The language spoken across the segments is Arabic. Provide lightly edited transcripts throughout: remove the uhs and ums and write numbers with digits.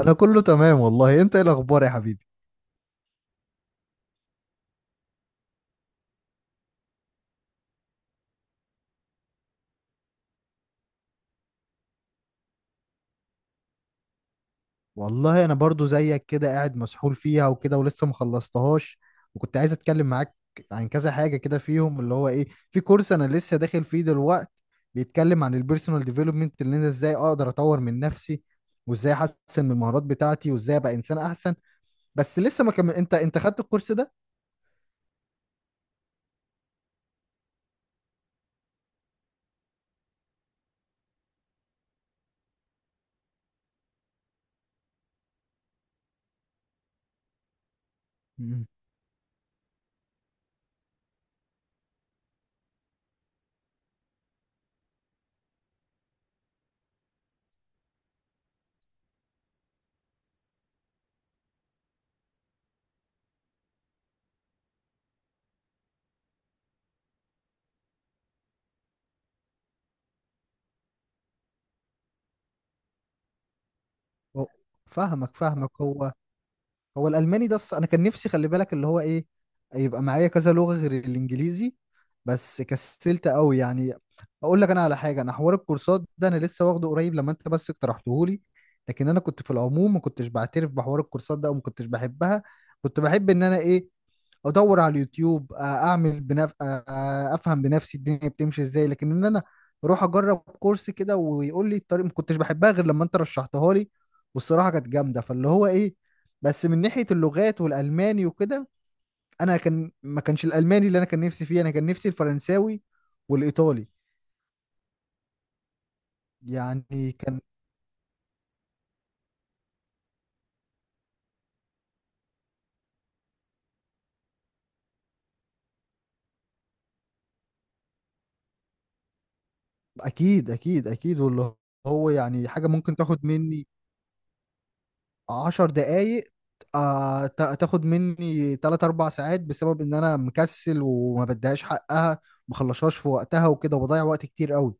انا كله تمام والله. انت ايه الاخبار يا حبيبي؟ والله انا برضو زيك كده، قاعد مسحول فيها وكده ولسه مخلصتهاش. وكنت عايز اتكلم معاك عن كذا حاجة كده فيهم، اللي هو ايه، في كورس انا لسه داخل فيه دلوقتي بيتكلم عن البيرسونال ديفلوبمنت، اللي انا ازاي اقدر اطور من نفسي وازاي احسن من المهارات بتاعتي وازاي ابقى انسان احسن. بس لسه ما كمل. انت خدت الكورس ده؟ مم. هو- فاهمك فاهمك. هو هو الالماني ده، انا كان نفسي، خلي بالك، اللي هو ايه، يبقى معايا كذا لغه غير الانجليزي، بس كسلت قوي يعني. اقول لك انا على حاجه، انا حوار الكورسات ده انا لسه واخده قريب لما انت بس اقترحته لي. لكن انا كنت في العموم ما كنتش بعترف بحوار الكورسات ده وما كنتش بحبها. كنت بحب ان انا ايه، ادور على اليوتيوب، اعمل افهم بنفسي الدنيا بتمشي ازاي. لكن ان انا اروح اجرب كورس كده ويقول لي الطريق ما كنتش بحبها غير لما انت رشحتها لي. والصراحه كانت جامده، فاللي هو ايه. بس من ناحيه اللغات والالماني وكده، انا كان ما كانش الالماني اللي انا كان نفسي فيه، انا كان نفسي الفرنساوي والايطالي. يعني كان اكيد اكيد اكيد. واللي هو يعني حاجه ممكن تاخد مني عشر دقايق، تاخد مني تلات أربع ساعات بسبب إن أنا مكسل وما بديهاش حقها، مخلصهاش في وقتها وكده وبضيع وقت كتير قوي.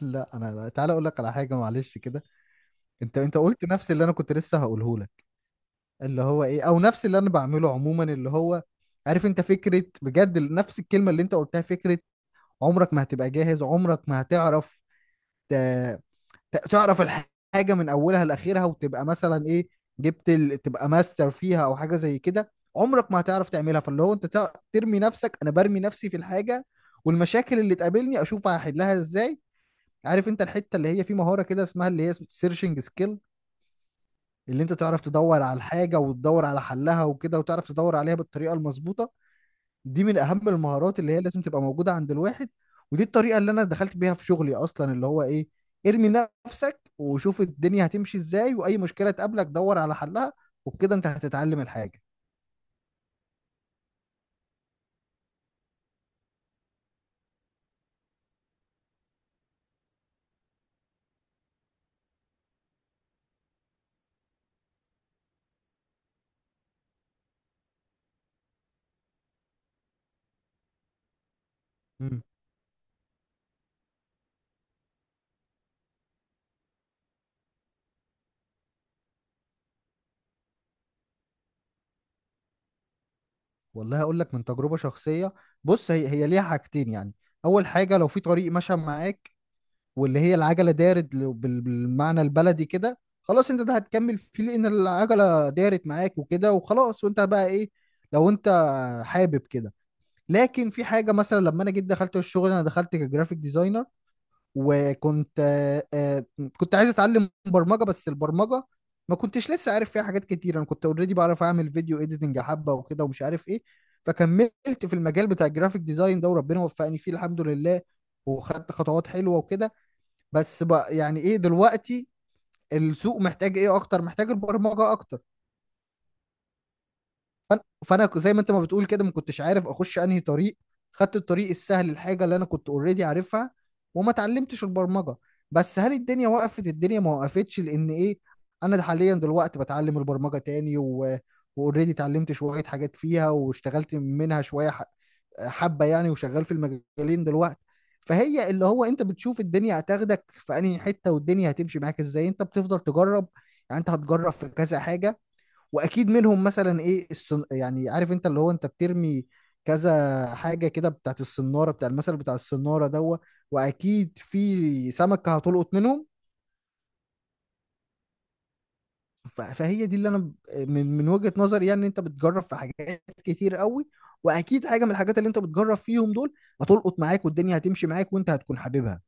لا أنا لا. تعالى أقول لك على حاجة معلش كده. أنت قلت نفس اللي أنا كنت لسه هقوله لك، اللي هو إيه، أو نفس اللي أنا بعمله عموما، اللي هو، عارف أنت فكرة، بجد نفس الكلمة اللي أنت قلتها، فكرة عمرك ما هتبقى جاهز، عمرك ما هتعرف تعرف الحاجه من اولها لاخرها وتبقى مثلا ايه، تبقى ماستر فيها او حاجه زي كده. عمرك ما هتعرف تعملها. فاللي هو انت ترمي نفسك. انا برمي نفسي في الحاجه والمشاكل اللي تقابلني اشوف هحلها ازاي. عارف انت الحته اللي هي في مهاره كده اسمها اللي هي سيرشنج سكيل، اللي انت تعرف تدور على الحاجه وتدور على حلها وكده وتعرف تدور عليها بالطريقه المظبوطه. دي من اهم المهارات اللي هي لازم تبقى موجوده عند الواحد. ودي الطريقه اللي انا دخلت بيها في شغلي اصلا، اللي هو ايه، ارمي نفسك وشوف الدنيا هتمشي ازاي. واي مشكله تقابلك دور على حلها وبكده انت هتتعلم الحاجه. امم والله هقول لك من تجربه شخصيه. بص هي ليها حاجتين يعني. اول حاجه لو في طريق مشى معاك، واللي هي العجله دارت بالمعنى البلدي كده، خلاص انت ده هتكمل فيه لان العجله دارت معاك وكده وخلاص. وانت بقى ايه، لو انت حابب كده. لكن في حاجه مثلا، لما انا جيت دخلت الشغل انا دخلت كجرافيك ديزاينر، وكنت كنت عايز اتعلم برمجه. بس البرمجه ما كنتش لسه عارف فيها حاجات كتير. انا كنت اوريدي بعرف اعمل فيديو اديتنج حبه وكده ومش عارف ايه. فكملت في المجال بتاع الجرافيك ديزاين ده، وربنا وفقني فيه الحمد لله، وخدت خطوات حلوه وكده. بس بقى يعني ايه دلوقتي، السوق محتاج ايه اكتر؟ محتاج البرمجه اكتر. زي ما انت ما بتقول كده، ما كنتش عارف اخش انهي طريق. خدت الطريق السهل، الحاجه اللي انا كنت اوريدي عارفها، وما اتعلمتش البرمجه. بس هل الدنيا وقفت؟ الدنيا ما وقفتش، لان ايه، انا حاليا دلوقتي بتعلم البرمجه تاني. واوريدي اتعلمت شويه حاجات فيها واشتغلت منها شويه حبه يعني، وشغال في المجالين دلوقتي. فهي اللي هو انت بتشوف الدنيا هتاخدك في انهي حته والدنيا هتمشي معاك ازاي. انت بتفضل تجرب، يعني انت هتجرب في كذا حاجه، واكيد منهم مثلا ايه يعني عارف انت اللي هو انت بترمي كذا حاجه كده بتاعت الصناره، بتاع المثل بتاع الصناره دوا، واكيد في سمكه هتلقط منهم. فهي دي اللي انا من وجهه نظري يعني. انت بتجرب في حاجات كتير قوي، واكيد حاجه من الحاجات اللي انت بتجرب فيهم دول هتلقط معاك والدنيا هتمشي معاك وانت هتكون حاببها.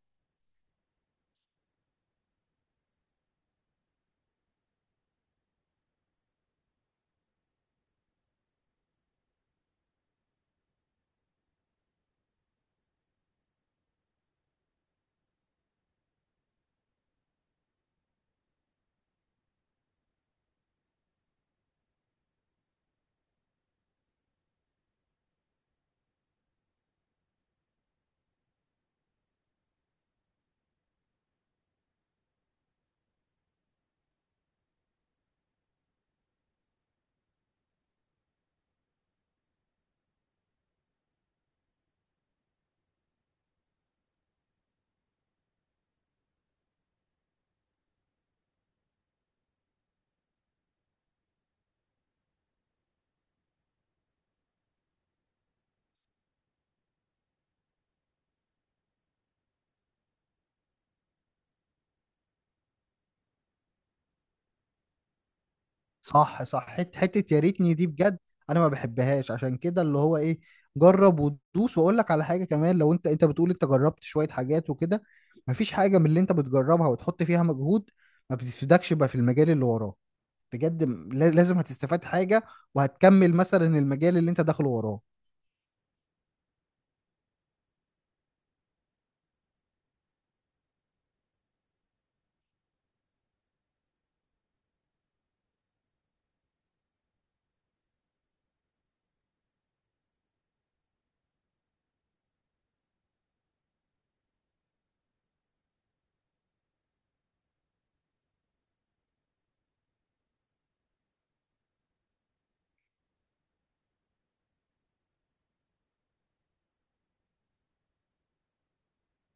صح صح. حتة يا ريتني دي بجد. انا ما بحبهاش عشان كده، اللي هو ايه، جرب وتدوس. واقول لك على حاجة كمان، لو انت بتقول انت جربت شوية حاجات وكده، مفيش حاجة من اللي انت بتجربها وتحط فيها مجهود ما بتفيدكش بقى في المجال اللي وراه. بجد لازم هتستفاد حاجة، وهتكمل مثلا المجال اللي انت داخله وراه.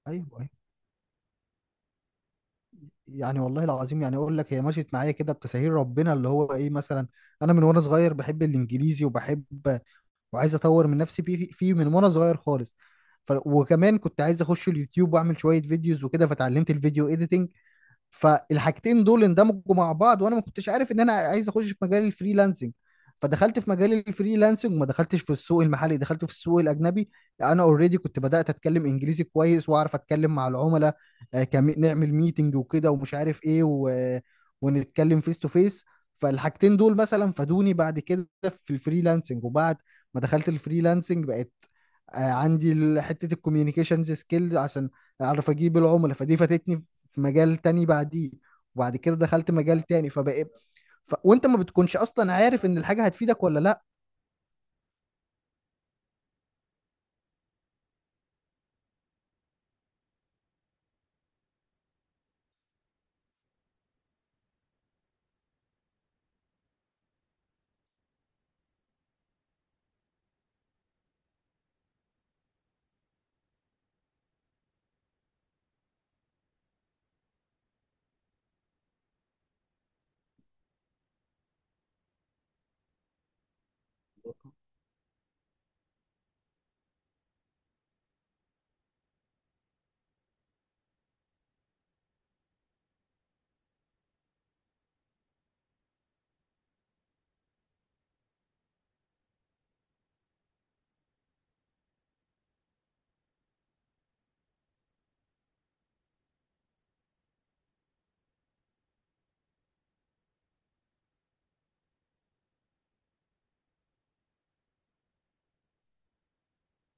ايوه أيوة. يعني والله العظيم، يعني اقول لك، هي مشيت معايا كده بتساهيل ربنا، اللي هو ايه مثلا، انا من وانا صغير بحب الانجليزي وبحب وعايز اطور من نفسي فيه من وانا صغير خالص. وكمان كنت عايز اخش اليوتيوب واعمل شويه فيديوز وكده فتعلمت الفيديو اديتنج. فالحاجتين دول اندمجوا مع بعض، وانا ما كنتش عارف ان انا عايز اخش في مجال الفريلانسنج. فدخلت في مجال الفريلانسنج وما دخلتش في السوق المحلي، دخلت في السوق الاجنبي. انا اوريدي كنت بدات اتكلم انجليزي كويس واعرف اتكلم مع العملاء، نعمل ميتنج وكده ومش عارف ايه ونتكلم فيس تو فيس. فالحاجتين دول مثلا فادوني بعد كده في الفريلانسنج. وبعد ما دخلت الفريلانسنج بقت عندي حته الكوميونيكيشنز سكيل عشان اعرف اجيب العملاء، فدي فاتتني في مجال تاني بعديه. وبعد كده دخلت مجال تاني فبقى وانت ما بتكونش اصلا عارف ان الحاجة هتفيدك ولا لا.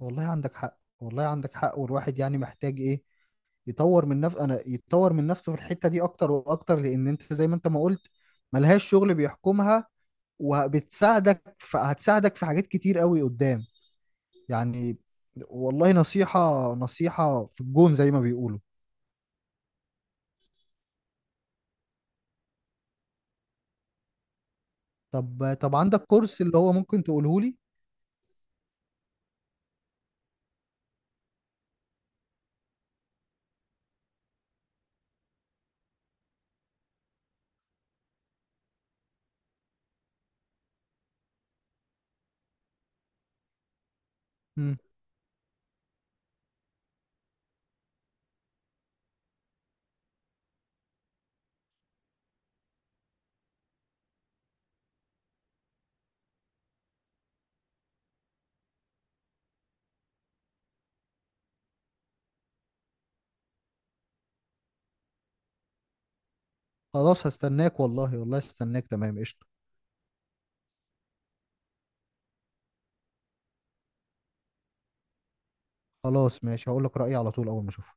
والله عندك حق، والله عندك حق. والواحد يعني محتاج ايه، يطور من نفسه، انا يطور من نفسه في الحتة دي اكتر واكتر، لان انت زي ما انت ما قلت، ملهاش شغل بيحكمها وبتساعدك. هتساعدك في حاجات كتير قوي قدام يعني. والله نصيحة نصيحة في الجون زي ما بيقولوا. طب طب، عندك كورس اللي هو ممكن تقوله لي؟ خلاص هستناك، والله والله هستناك، تمام قشطة. خلاص ماشي، هقول لك رأيي على طول أول ما أشوفه.